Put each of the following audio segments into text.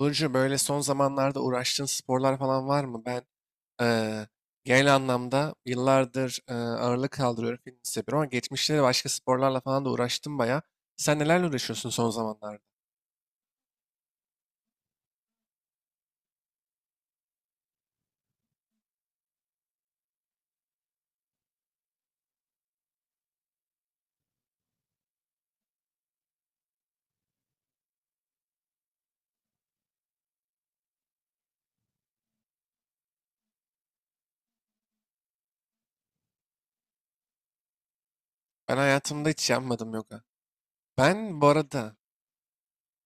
Burcu böyle son zamanlarda uğraştığın sporlar falan var mı? Ben eee, genel anlamda yıllardır ağırlık kaldırıyorum, fitness yapıyorum ama geçmişte de başka sporlarla falan da uğraştım baya. Sen nelerle uğraşıyorsun son zamanlarda? Ben hayatımda hiç yapmadım yoga. Ben bu arada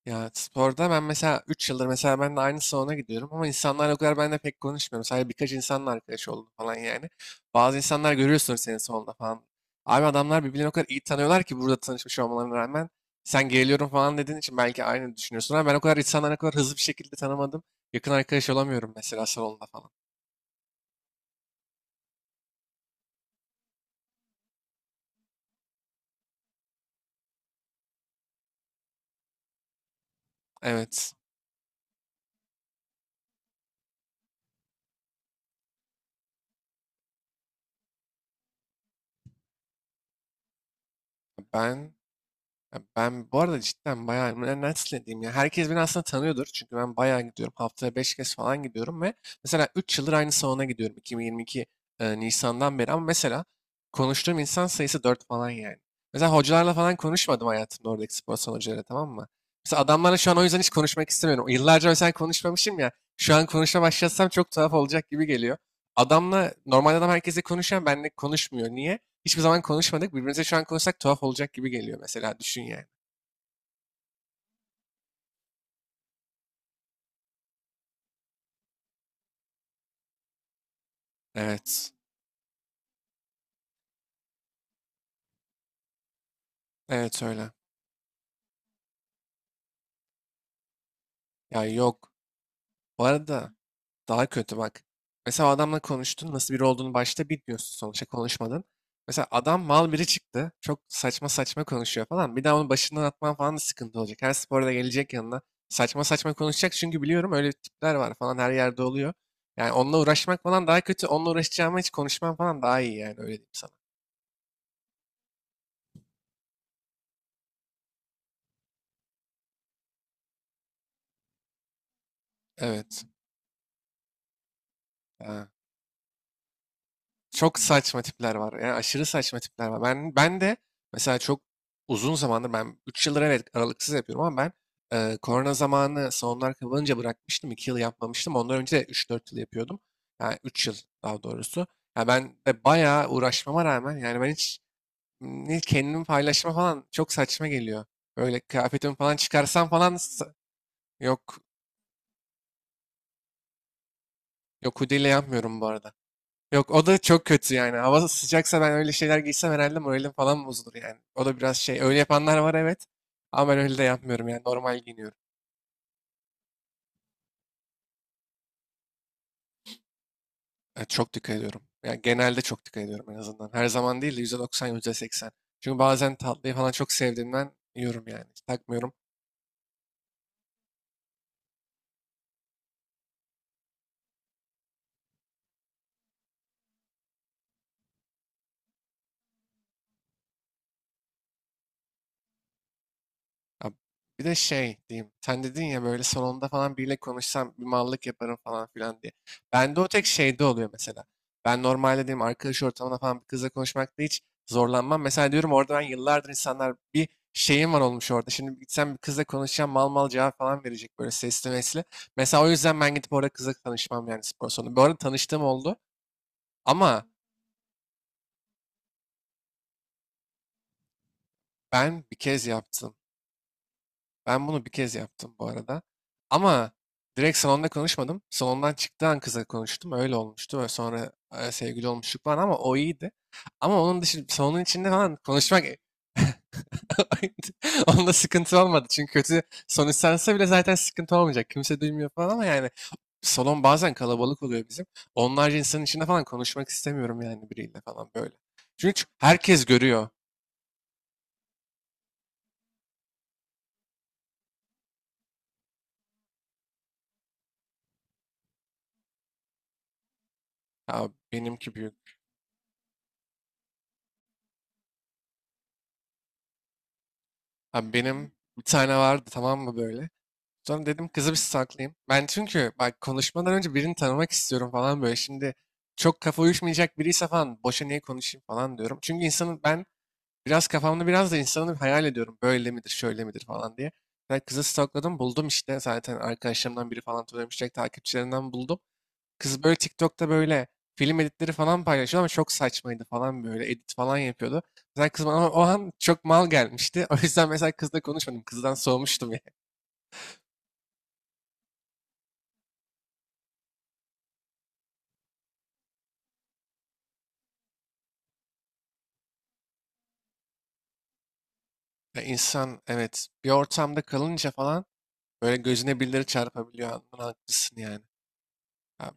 Ya, sporda ben mesela 3 yıldır mesela ben de aynı salona gidiyorum ama insanlarla o kadar ben de pek konuşmuyorum. Sadece birkaç insanla arkadaş oldum falan yani. Bazı insanlar görüyorsun senin salonda falan. Abi adamlar birbirlerini o kadar iyi tanıyorlar ki burada tanışmış olmalarına rağmen. Sen geliyorum falan dediğin için belki aynı düşünüyorsun ama ben o kadar insanları o kadar hızlı bir şekilde tanımadım. Yakın arkadaş olamıyorum mesela salonda falan. Evet, ben Ben bu arada cidden bayağı, ben nasıl diyeyim ya, herkes beni aslında tanıyordur çünkü ben bayağı gidiyorum, haftaya 5 kez falan gidiyorum ve mesela 3 yıldır aynı salona gidiyorum, 2022 Nisan'dan beri, ama mesela konuştuğum insan sayısı 4 falan yani. Mesela hocalarla falan konuşmadım hayatımda, oradaki spor salonu hocalarıyla, tamam mı? Mesela adamlarla şu an o yüzden hiç konuşmak istemiyorum. Yıllarca mesela konuşmamışım ya, şu an konuşmaya başlasam çok tuhaf olacak gibi geliyor. Adamla normal adam, herkese konuşan, benle konuşmuyor. Niye? Hiçbir zaman konuşmadık. Birbirimize şu an konuşsak tuhaf olacak gibi geliyor mesela. Düşün yani. Evet. Evet, öyle. Ya, yok. Bu arada daha kötü bak. Mesela o adamla konuştun, nasıl biri olduğunu başta bilmiyorsun, sonuçta konuşmadın. Mesela adam mal biri çıktı. Çok saçma saçma konuşuyor falan. Bir daha onu başından atman falan da sıkıntı olacak. Her sporda gelecek yanına. Saçma saçma konuşacak çünkü biliyorum öyle tipler var falan, her yerde oluyor. Yani onunla uğraşmak falan daha kötü. Onunla uğraşacağıma hiç konuşmam falan daha iyi yani, öyle diyeyim sana. Evet. Ha. Çok saçma tipler var. Yani aşırı saçma tipler var. Ben de mesela çok uzun zamandır, ben 3 yıldır evet aralıksız yapıyorum, ama ben korona zamanı salonlar kapanınca bırakmıştım. 2 yıl yapmamıştım. Ondan önce de 3-4 yıl yapıyordum. Yani 3 yıl, daha doğrusu. Ya ben de bayağı uğraşmama rağmen yani ben hiç ne kendimi paylaşma falan, çok saçma geliyor. Böyle kıyafetimi falan çıkarsam falan yok yok, hudiyle yapmıyorum bu arada. Yok, o da çok kötü yani. Hava sıcaksa ben öyle şeyler giysem herhalde moralim falan bozulur yani. O da biraz şey. Öyle yapanlar var, evet. Ama ben öyle de yapmıyorum yani. Normal giyiniyorum. Yani çok dikkat ediyorum. Yani genelde çok dikkat ediyorum en azından. Her zaman değil de %90, %80. Çünkü bazen tatlıyı falan çok sevdiğimden yiyorum yani. Takmıyorum. Ya, bir de şey diyeyim. Sen dedin ya, böyle salonda falan biriyle konuşsam bir mallık yaparım falan filan diye. Bende o tek şeyde oluyor mesela. Ben normalde diyeyim arkadaş ortamına falan bir kızla konuşmakta hiç zorlanmam. Mesela diyorum, orada ben yıllardır insanlar bir şeyim var olmuş orada. Şimdi gitsem bir kızla konuşacağım, mal mal cevap falan verecek böyle sesli mesli. Mesela o yüzden ben gidip orada kızla tanışmam yani, spor salonu. Bu arada tanıştığım oldu ama ben bir kez yaptım. Ben bunu bir kez yaptım bu arada. Ama direkt salonda konuşmadım. Salondan çıktığı an kıza konuştum. Öyle olmuştu. Ve sonra sevgili olmuştuk falan, ama o iyiydi. Ama onun dışında salonun içinde falan konuşmak, onda sıkıntı olmadı. Çünkü kötü son istense bile zaten sıkıntı olmayacak. Kimse duymuyor falan ama yani salon bazen kalabalık oluyor bizim. Onlarca insanın içinde falan konuşmak istemiyorum yani, biriyle falan böyle. Çünkü herkes görüyor. Ya, benimki büyük. Abi benim bir tane vardı, tamam mı, böyle? Sonra dedim kızı bir saklayayım. Ben çünkü bak, konuşmadan önce birini tanımak istiyorum falan böyle. Şimdi çok kafa uyuşmayacak biriyse falan, boşa niye konuşayım falan diyorum. Çünkü insanın ben biraz kafamda, biraz da insanı bir hayal ediyorum. Böyle midir şöyle midir falan diye. Ben kızı stalkladım, buldum işte, zaten arkadaşlarımdan biri falan tanımışacak, takipçilerinden buldum. Kız böyle TikTok'ta böyle film editleri falan paylaşıyordu ama çok saçmaydı falan, böyle edit falan yapıyordu. Mesela kız bana o an çok mal gelmişti. O yüzden mesela kızla konuşmadım. Kızdan soğumuştum. Ya, insan evet bir ortamda kalınca falan böyle gözüne birileri çarpabiliyor. Anladın, haklısın yani. Ha,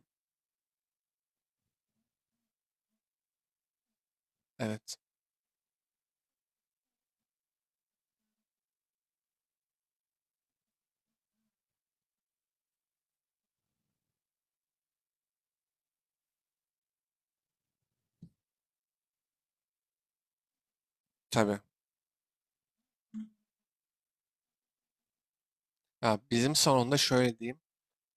evet, tabii. Ya bizim salonda şöyle diyeyim.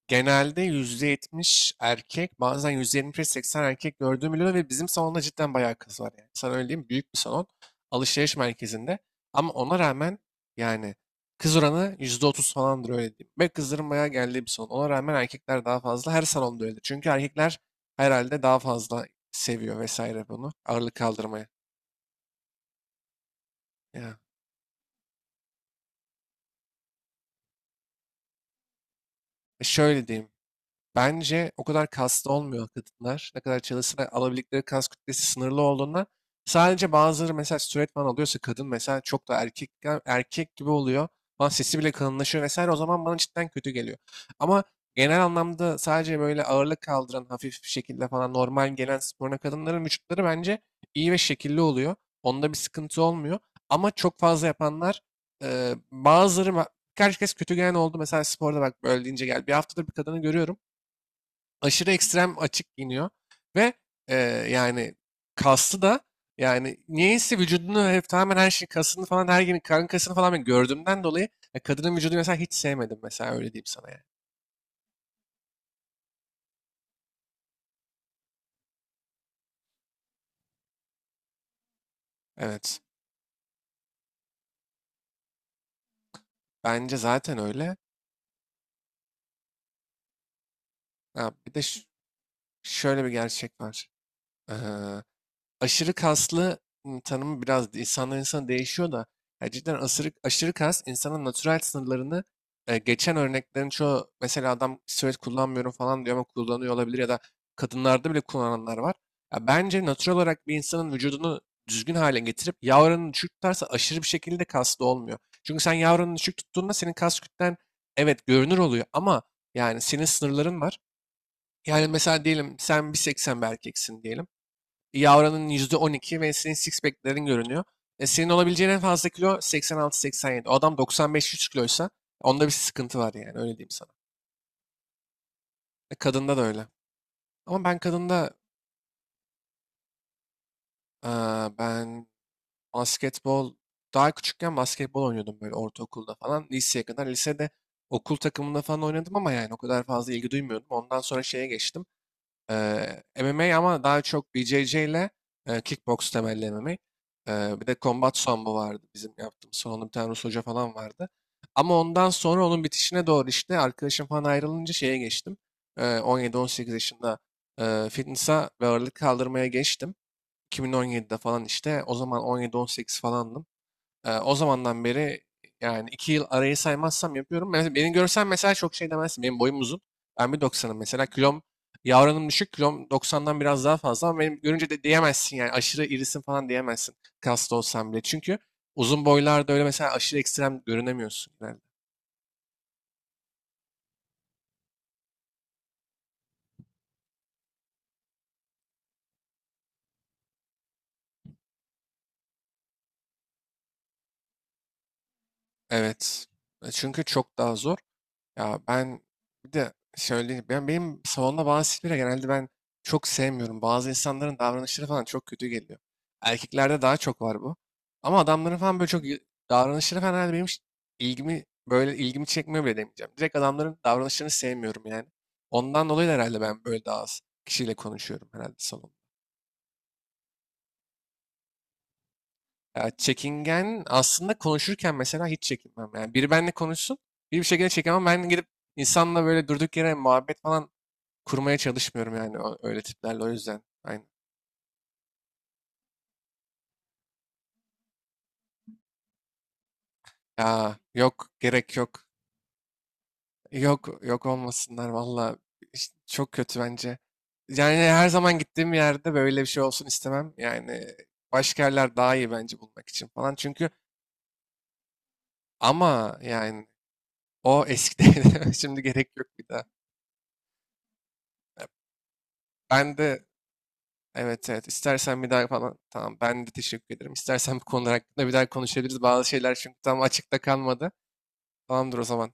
Genelde %70 erkek, bazen 75 seksen erkek gördüğüm oluyor ve bizim salonda cidden bayağı kız var yani. Sana öyle diyeyim, büyük bir salon, alışveriş merkezinde. Ama ona rağmen yani kız oranı %30 falandır, öyle diyeyim. Ve kızların bayağı geldiği bir salon. Ona rağmen erkekler daha fazla, her salonda öyle. Çünkü erkekler herhalde daha fazla seviyor vesaire bunu, ağırlık kaldırmayı. Ya, şöyle diyeyim, bence o kadar kaslı olmuyor kadınlar. Ne kadar çalışsa da alabildikleri kas kütlesi sınırlı olduğundan, sadece bazıları mesela steroid falan alıyorsa kadın mesela çok da erkek gibi oluyor. Falan sesi bile kalınlaşıyor vesaire, o zaman bana cidden kötü geliyor. Ama genel anlamda sadece böyle ağırlık kaldıran hafif bir şekilde falan normal gelen sporuna, kadınların vücutları bence iyi ve şekilli oluyor. Onda bir sıkıntı olmuyor. Ama çok fazla yapanlar, e, bazıları ma- birkaç kez kötü gelen oldu. Mesela sporda bak, böyle deyince gel. Bir haftadır bir kadını görüyorum, aşırı ekstrem açık giyiniyor ve e, yani kaslı da, yani niyeyse vücudunu hep tamamen, her şey, kasını falan, her gün karın kasını falan ben gördüğümden dolayı ya, kadının vücudunu mesela hiç sevmedim mesela, öyle diyeyim sana yani. Evet. Bence zaten öyle. Ha, bir de şöyle bir gerçek var. Ee, aşırı kaslı, tanımı biraz insandan insana değişiyor da, ya cidden aşırı, aşırı kas insanın natürel sınırlarını geçen örneklerin çoğu, mesela adam steroid kullanmıyorum falan diyor ama kullanıyor olabilir, ya da kadınlarda bile kullananlar var. Ya bence natürel olarak bir insanın vücudunu düzgün hale getirip yağ oranını düşük tutarsa aşırı bir şekilde kaslı olmuyor. Çünkü sen yağ oranını düşük tuttuğunda senin kas kütlen evet görünür oluyor ama yani senin sınırların var. Yani mesela diyelim sen 1.80 bir erkeksin diyelim. Yavra'nın %12 ve senin six pack'lerin görünüyor. E, senin olabileceğin en fazla kilo 86-87. O adam 95-100 kiloysa onda bir sıkıntı var yani, öyle diyeyim sana. E, kadında da öyle. Ama ben kadında eee, ben basketbol daha küçükken basketbol oynuyordum, böyle ortaokulda falan. Liseye kadar, lisede okul takımında falan oynadım ama yani o kadar fazla ilgi duymuyordum. Ondan sonra şeye geçtim. MMA, ama daha çok BJJ ile, kickbox temelli MMA. Bir de Combat Sambo vardı bizim yaptığımız. Sonra onun bir tane Rus hoca falan vardı. Ama ondan sonra onun bitişine doğru işte arkadaşım falan ayrılınca şeye geçtim. 17-18 yaşında fitness'a ve ağırlık kaldırmaya geçtim. 2017'de falan işte o zaman 17-18 falandım. O zamandan beri yani 2 yıl arayı saymazsam yapıyorum. Mesela beni görsen mesela çok şey demezsin. Benim boyum uzun. Ben 1.90'ım mesela. Kilom yavranım düşük. Kilom 90'dan biraz daha fazla ama benim görünce de diyemezsin yani, aşırı irisin falan diyemezsin. Kaslı olsan bile. Çünkü uzun boylarda öyle mesela aşırı ekstrem görünemiyorsun genelde. Evet. Çünkü çok daha zor. Ya, ben bir de söyleyeyim. Benim salonda bazı tipleri genelde ben çok sevmiyorum. Bazı insanların davranışları falan çok kötü geliyor. Erkeklerde daha çok var bu. Ama adamların falan böyle çok davranışları falan herhalde benim hiç, ilgimi çekmiyor bile demeyeceğim. Direkt adamların davranışlarını sevmiyorum yani. Ondan dolayı da herhalde ben böyle daha az kişiyle konuşuyorum herhalde salonda. Ya, çekingen aslında konuşurken mesela hiç çekinmem. Yani biri benimle konuşsun, biri bir şekilde çekemem. Ben gidip insanla böyle durduk yere muhabbet falan kurmaya çalışmıyorum yani, öyle tiplerle o yüzden. Aynen. Ya, yok, gerek yok. Yok, yok, olmasınlar valla. Çok kötü bence. Yani her zaman gittiğim yerde böyle bir şey olsun istemem. Yani başka yerler daha iyi bence bulmak için falan. Çünkü, ama yani o eskide, şimdi gerek yok bir daha. Ben de, evet, evet, istersen bir daha falan tamam, ben de teşekkür ederim. İstersen bu konular hakkında bir daha konuşabiliriz. Bazı şeyler çünkü tam açıkta kalmadı. Tamamdır o zaman.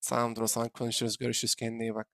Tamamdır o zaman, konuşuruz. Görüşürüz. Kendine iyi bak.